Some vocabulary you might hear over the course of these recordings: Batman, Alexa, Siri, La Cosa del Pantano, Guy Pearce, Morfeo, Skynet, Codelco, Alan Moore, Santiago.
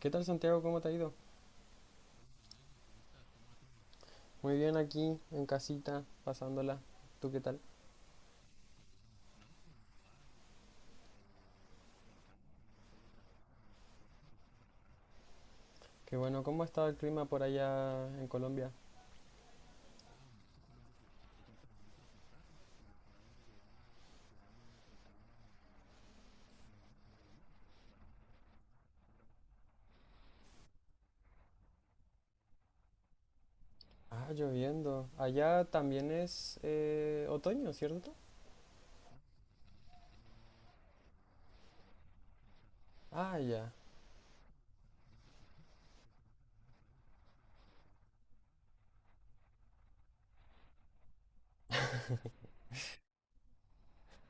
¿Qué tal Santiago? ¿Cómo te ha ido? Muy bien aquí en casita, pasándola. ¿Tú qué tal? Qué bueno, ¿cómo ha estado el clima por allá en Colombia? Ah, lloviendo. Allá también es otoño, ¿cierto? Ah, ya.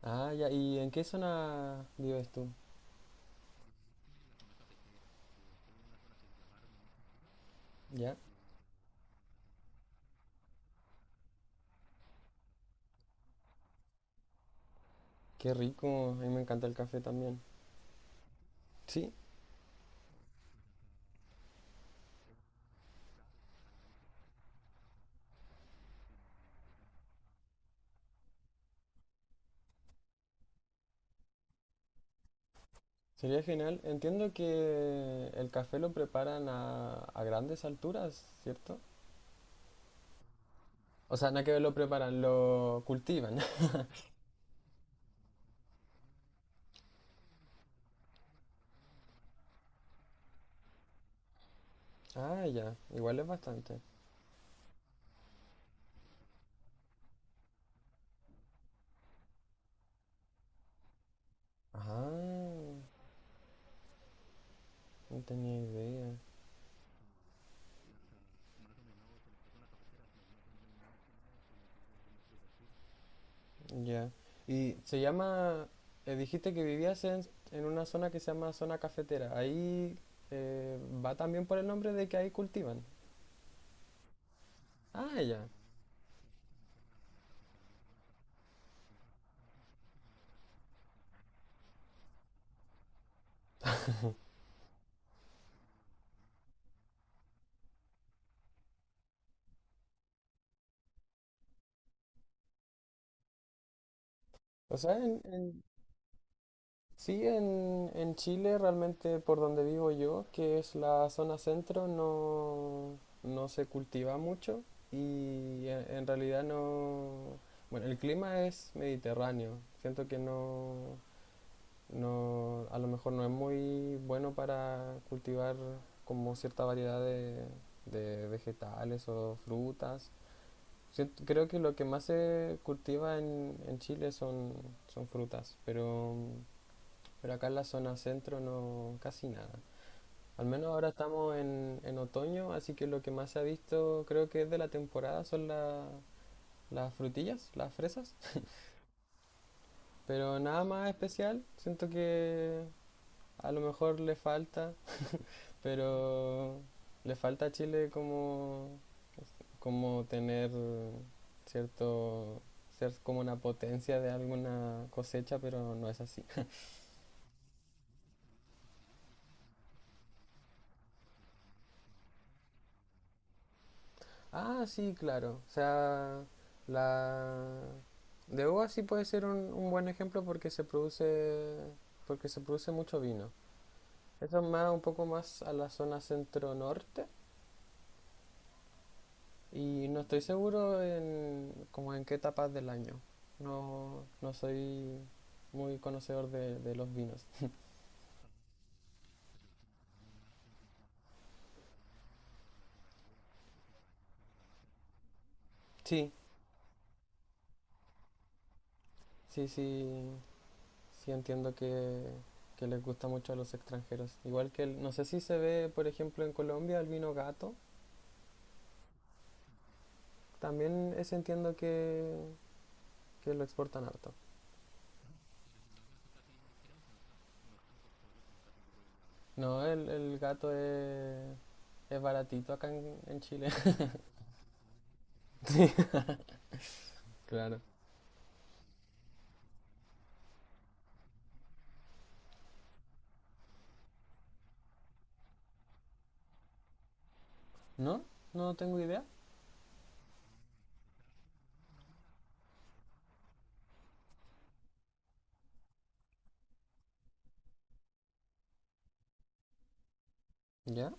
Ah, ya. ¿Y en qué zona vives tú? Ya. Qué rico. A mí me encanta el café también. Sí, sería genial. Entiendo que el café lo preparan a grandes alturas, ¿cierto? O sea, nada que ver. Lo preparan, lo cultivan. Ah, ya. Igual es bastante. Ah, no tenía idea. Ya. Y se llama, dijiste que vivías en una zona que se llama zona cafetera. Ahí eh, va también por el nombre de que ahí cultivan. Ah, ya. O sea, sí, en Chile realmente por donde vivo yo, que es la zona centro, no, no se cultiva mucho y en realidad no... Bueno, el clima es mediterráneo. Siento que no... No, a lo mejor no es muy bueno para cultivar como cierta variedad de vegetales o frutas. Creo que lo que más se cultiva en Chile son, son frutas, pero acá en la zona centro no casi nada. Al menos ahora estamos en otoño, así que lo que más se ha visto creo que es de la temporada son las frutillas, las fresas. Pero nada más especial, siento que a lo mejor le falta. Pero le falta a Chile como, como tener cierto, ser como una potencia de alguna cosecha, pero no es así. Ah, sí, claro. O sea, la de uva sí puede ser un buen ejemplo porque se produce mucho vino. Eso es más un poco más a la zona centro-norte. Y no estoy seguro en, como en qué etapas del año. No, no soy muy conocedor de los vinos. Sí, sí, sí, sí entiendo que les gusta mucho a los extranjeros. Igual que, no sé si se ve, por ejemplo, en Colombia el vino gato. También ese entiendo que lo exportan harto. No, el gato es baratito acá en Chile. Sí, claro. ¿No? No tengo idea. ¿Ya?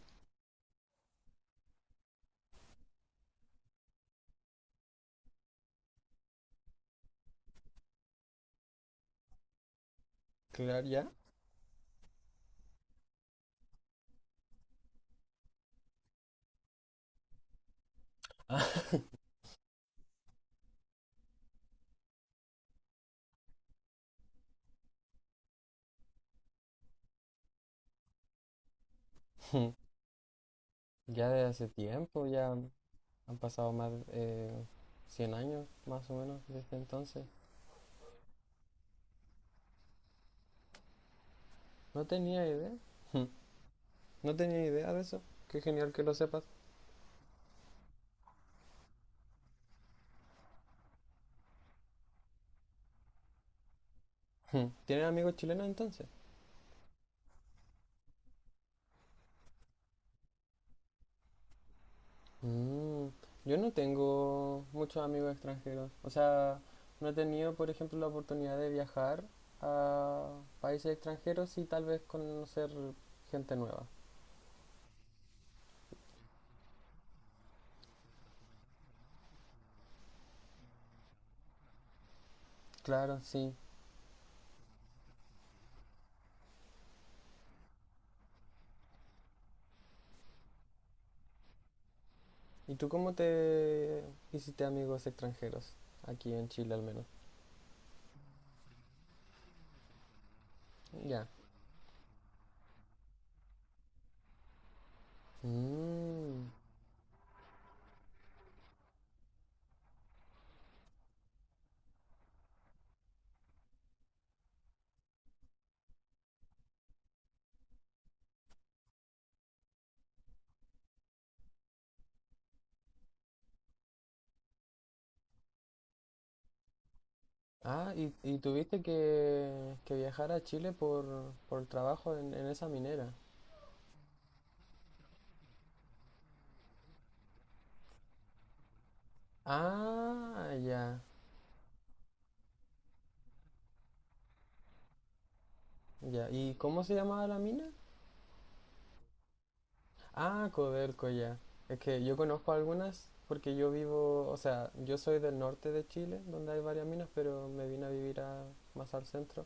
Claro, ya. Ya de hace tiempo, ya han pasado más de 100 años más o menos desde entonces. No tenía idea. No tenía idea de eso. Qué genial que lo sepas. ¿Tienes amigos chilenos entonces? Mm, yo no tengo muchos amigos extranjeros. O sea, no he tenido, por ejemplo, la oportunidad de viajar a países extranjeros y tal vez conocer gente nueva. Claro, sí. ¿Y tú cómo te hiciste amigos extranjeros? Aquí en Chile al menos. Ya. Mm. Ah, y tuviste que viajar a Chile por trabajo en esa minera. Ah, ya, ya. ¿Y cómo se llamaba la mina? Ah, Codelco, ya. Es que yo conozco algunas porque yo vivo, o sea, yo soy del norte de Chile, donde hay varias minas, pero me vine a vivir más al centro.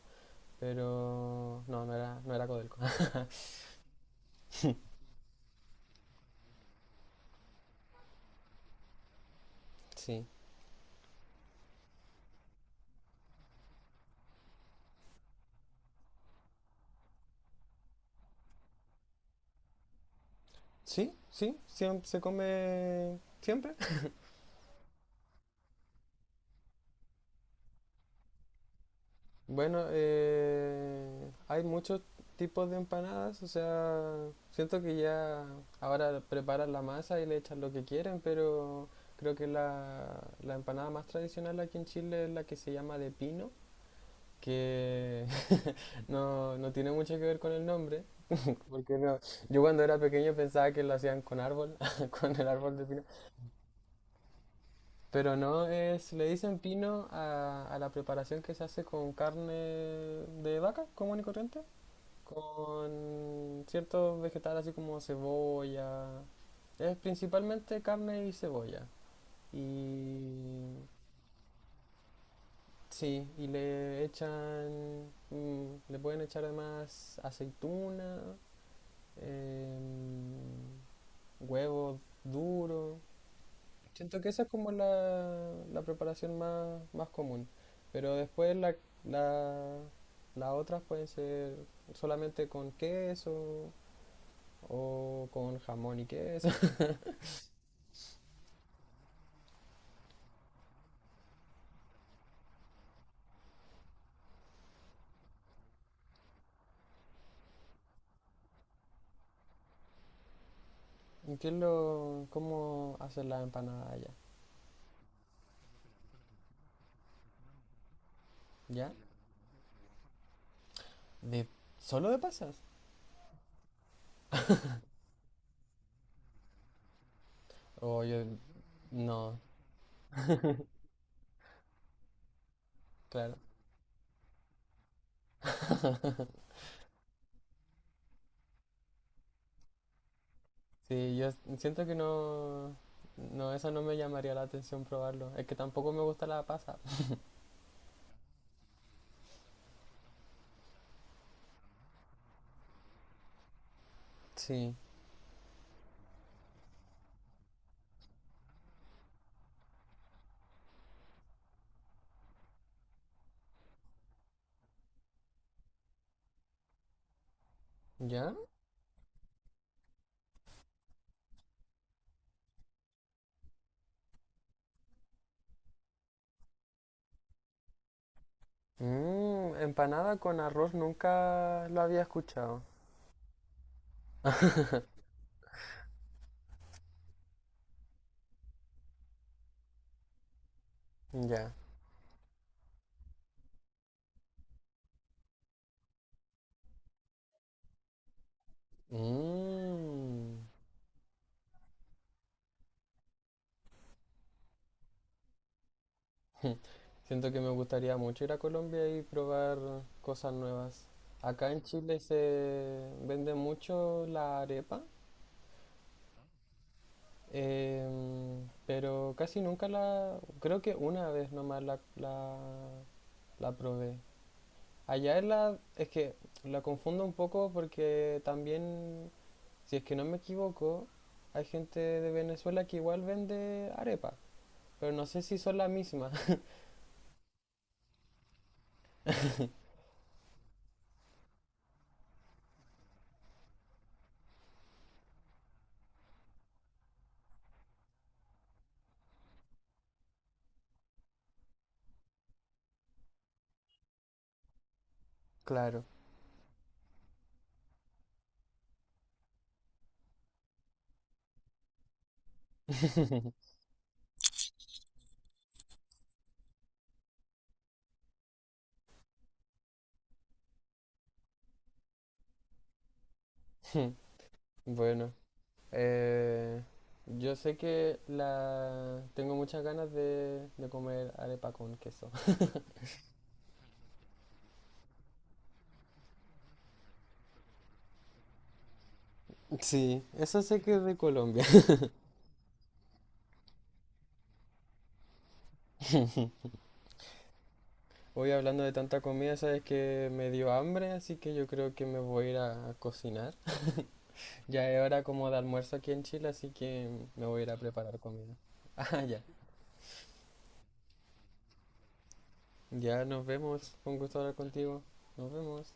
Pero no, no era, no era Codelco. Sí. ¿Sí? ¿Sí? ¿Siem- ¿Se come siempre? Bueno, hay muchos tipos de empanadas, o sea, siento que ya ahora preparan la masa y le echan lo que quieren, pero creo que la empanada más tradicional aquí en Chile es la que se llama de pino, que no, no tiene mucho que ver con el nombre, porque no, yo cuando era pequeño pensaba que lo hacían con árbol, con el árbol de pino, pero no, es, le dicen pino a la preparación que se hace con carne de vaca común y corriente. Con ciertos vegetales así como cebolla. Es principalmente carne y cebolla. Y sí, y le echan, mm, le pueden echar además aceituna, em, huevo duro. Siento que esa es como la preparación más, más común. Pero después la, las otras pueden ser solamente con queso o con jamón y queso. ¿Y ¿Qué es lo, cómo hacen las empanadas allá? ¿Ya? ¿De, ¿Solo de pasas? O yo... No, claro. Sí, yo siento que no... No, eso no me llamaría la atención probarlo. Es que tampoco me gusta la pasa. Sí. ¿Ya? Mm, empanada con arroz nunca lo había escuchado. Ya. Mm. Siento que me gustaría mucho ir a Colombia y probar cosas nuevas. Acá en Chile se vende mucho la arepa, pero casi nunca la... Creo que una vez nomás la probé. Allá es la... Es que la confundo un poco porque también, si es que no me equivoco, hay gente de Venezuela que igual vende arepa, pero no sé si son la misma. Claro. Bueno. Eh, yo sé que la tengo muchas ganas de comer arepa con queso. Sí, eso sé que es de Colombia. Hoy hablando de tanta comida, sabes que me dio hambre, así que yo creo que me voy a ir a cocinar. Ya es hora como de almuerzo aquí en Chile, así que me voy a ir a preparar comida. Ah, ya. Ya nos vemos. Fue un gusto hablar contigo. Nos vemos.